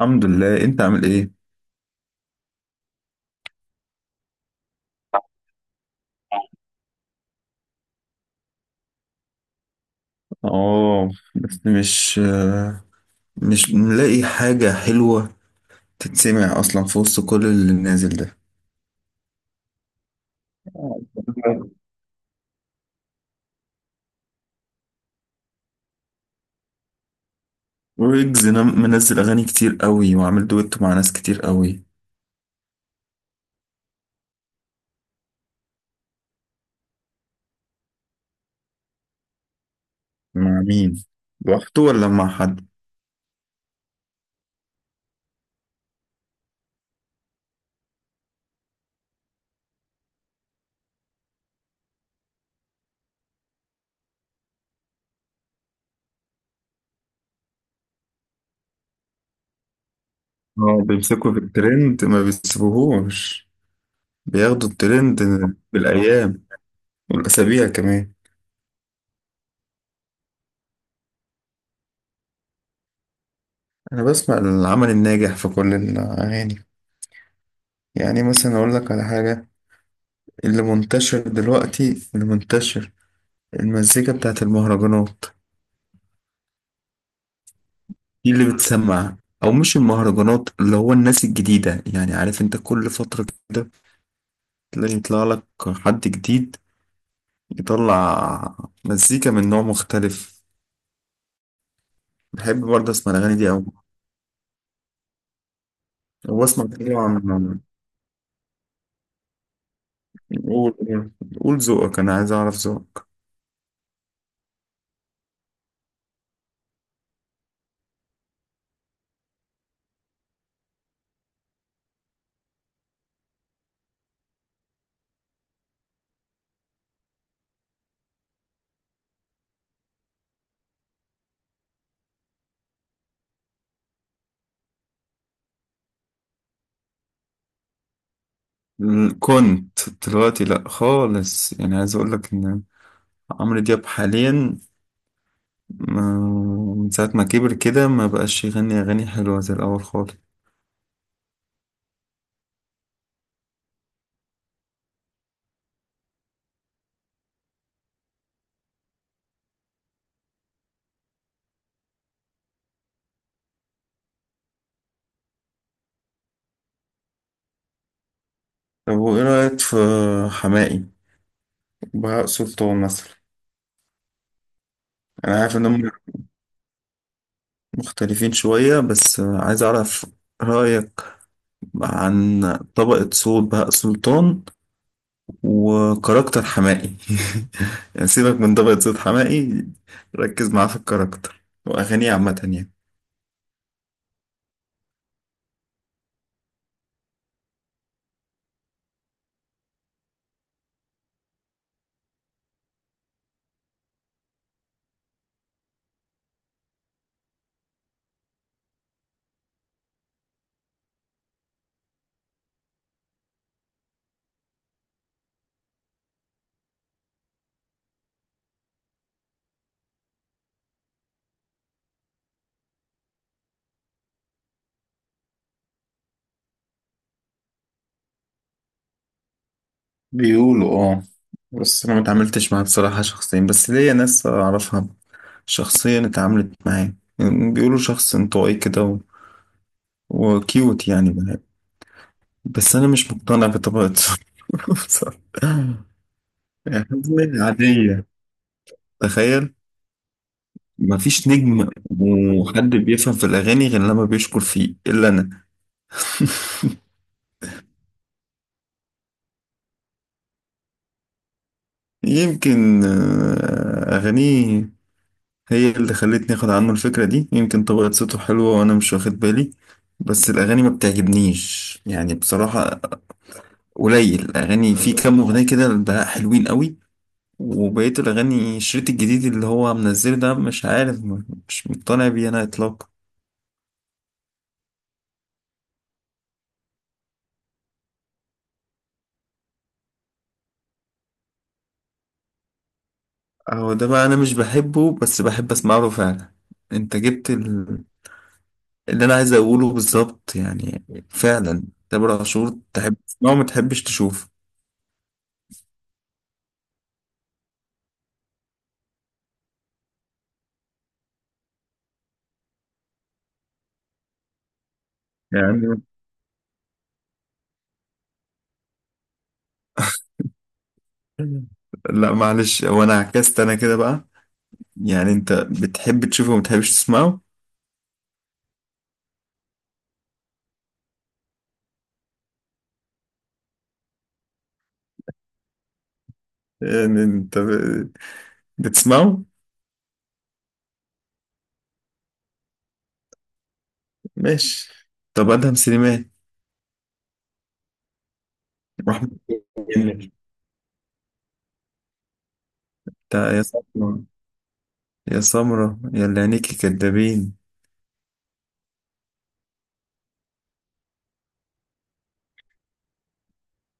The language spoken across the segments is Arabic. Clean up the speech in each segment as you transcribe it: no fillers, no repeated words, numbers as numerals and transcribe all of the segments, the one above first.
الحمد لله. انت عامل ايه؟ اه، بس مش ملاقي حاجة حلوة تتسمع اصلا في وسط كل اللي نازل ده. ويجز منزل اغاني كتير قوي وعامل دويتو مع ناس كتير قوي. مع مين؟ لوحده ولا مع حد؟ اه، بيمسكوا في الترند، ما بيسيبوهوش. بياخدوا الترند بالايام والاسابيع كمان. انا بسمع العمل الناجح في كل الاغاني. يعني مثلا اقول لك على حاجة، اللي منتشر دلوقتي، اللي منتشر المزيكا بتاعت المهرجانات. دي اللي بتسمع، او مش المهرجانات، اللي هو الناس الجديدة. يعني عارف انت كل فترة كده تلاقي يطلع لك حد جديد، يطلع مزيكا من نوع مختلف. بحب برضه اسمع الاغاني دي اوي، واسمع طبعا. قول، قول، قول ذوقك، انا عايز اعرف ذوقك. كنت دلوقتي لا خالص. يعني عايز اقول لك ان عمرو دياب حاليا، ما من ساعة ما كبر كده، ما بقاش يغني أغاني حلوة زي الأول خالص. طب وإيه رأيك في حماقي وبهاء سلطان مثلا؟ أنا عارف إنهم مختلفين شوية، بس عايز أعرف رأيك عن طبقة صوت بهاء سلطان وكاركتر حماقي. يعني سيبك من طبقة صوت حماقي، ركز معاه في الكاركتر وأغانيه عامة يعني. بيقولوا اه، بس انا ما اتعاملتش معاه بصراحة شخصيا، بس ليا ناس اعرفها شخصيا اتعاملت معاه، يعني بيقولوا شخص انطوائي كده وكيوت يعني. بس انا مش مقتنع بطبيعته. بصراحة. يعني حاجة عادية، تخيل! مفيش نجم وحد بيفهم في الأغاني غير لما بيشكر فيه إلا أنا. يمكن أغانيه هي اللي خلتني اخد عنه الفكرة دي. يمكن طبقة صوته حلوة وانا مش واخد بالي، بس الاغاني ما بتعجبنيش يعني بصراحة. قليل الاغاني، في كام اغنية كده البهاء حلوين قوي، وبقية الاغاني الشريط الجديد اللي هو منزله ده مش عارف، مش مقتنع بيه انا اطلاقا. هو ده بقى، انا مش بحبه بس بحب اسمع له فعلا. انت جبت اللي انا عايز اقوله بالظبط يعني، فعلا. تامر عاشور تحب تسمعه، ما تحبش تشوفه يعني. لا معلش، هو انا عكست انا كده بقى. يعني انت بتحب تشوفه وما بتحبش تسمعه؟ يعني انت بتسمعه؟ ماشي. طب ادهم سليمان واحمد كامل؟ انت يا سمرة، يا سمرة يا اللي عينيكي كدابين.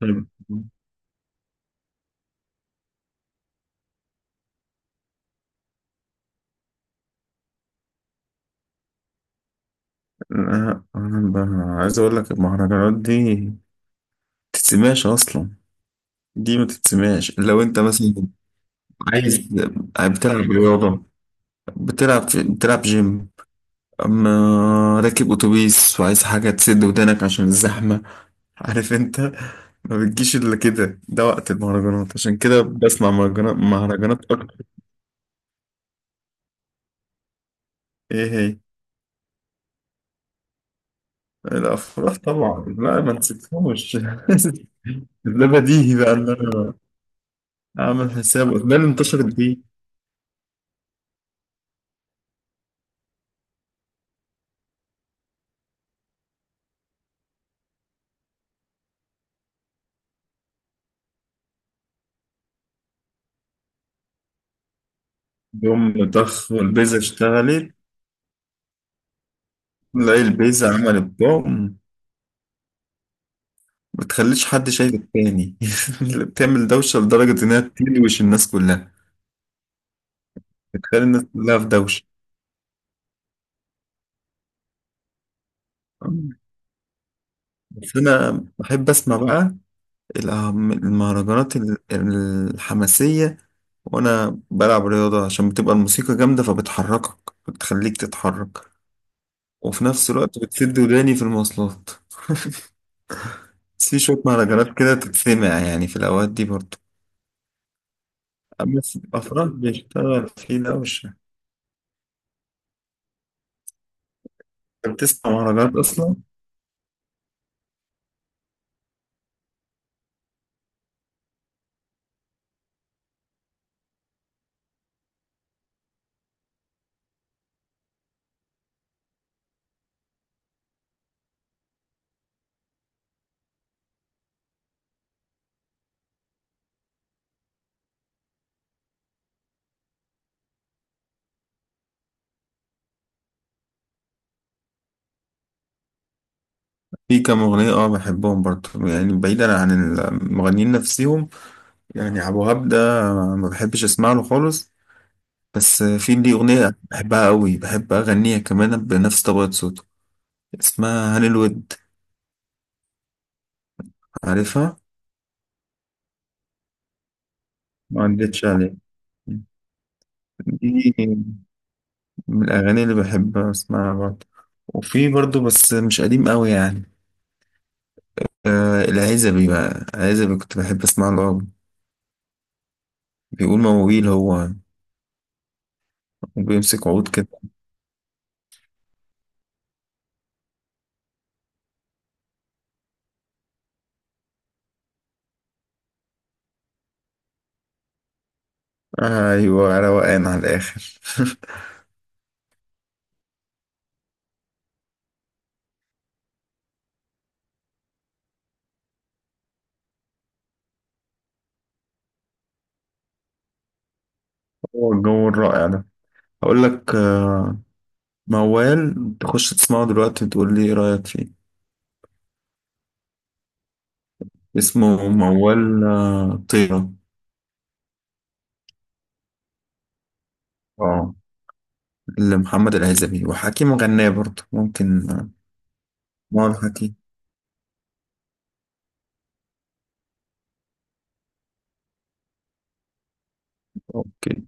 طيب. لا، انا عايز اقول لك المهرجانات دي تتسمعش اصلا. دي ما تتسمعش لو انت مثلا عايز. بتلعب رياضة، بتلعب، بتلعب جيم، اما راكب اتوبيس وعايز حاجه تسد ودانك عشان الزحمه، عارف انت. ما بتجيش الا كده، ده وقت المهرجانات، عشان كده بسمع مهرجانات، اكتر. ايه هي؟ الافراح طبعا، لا ما نسيتهمش. ده بديهي بقى ان انا اعمل حساب، ده اللي انتشرت بيه. يوم ضخ والبيزا اشتغلت، تلاقي البيزا عملت بوم، ما تخليش حد شايف التاني. اللي بتعمل دوشة لدرجة إنها تلوش الناس كلها، بتخلي الناس كلها في دوشة. بس انا بحب اسمع بقى الأهم- المهرجانات الحماسية وانا بلعب رياضة، عشان بتبقى الموسيقى جامدة فبتحركك، بتخليك تتحرك. وفي نفس الوقت بتسد وداني في المواصلات. بس في شوية مهرجانات كده تتسمع يعني في الأوقات دي برضه. أما في الأفراح بيشتغل فيه ده وش. أنت بتسمع مهرجانات أصلا؟ في كام أغنية أه بحبهم برضه، يعني بعيدا عن المغنيين نفسهم. يعني أبو وهاب ده ما بحبش أسمع له خالص، بس في لي أغنية بحبها قوي، بحب أغنيها كمان بنفس طبقة صوته، اسمها هاني الود، عارفها؟ ما عدتش عليها. دي من الأغاني اللي بحب أسمعها برضه. وفي برضه بس مش قديم قوي يعني، آه العزبي بقى، العزبي كنت بحب أسمع له قوي، بيقول مواويل هو وبيمسك عود كده. أيوة، روقان على الآخر. هو الجو الرائع ده، هقول لك موال تخش تسمعه دلوقتي وتقول لي إيه رأيك فيه. اسمه موال طيرة. اه، لمحمد العزبي، وحكيم غناه برضه، ممكن موال حكيم. اوكي.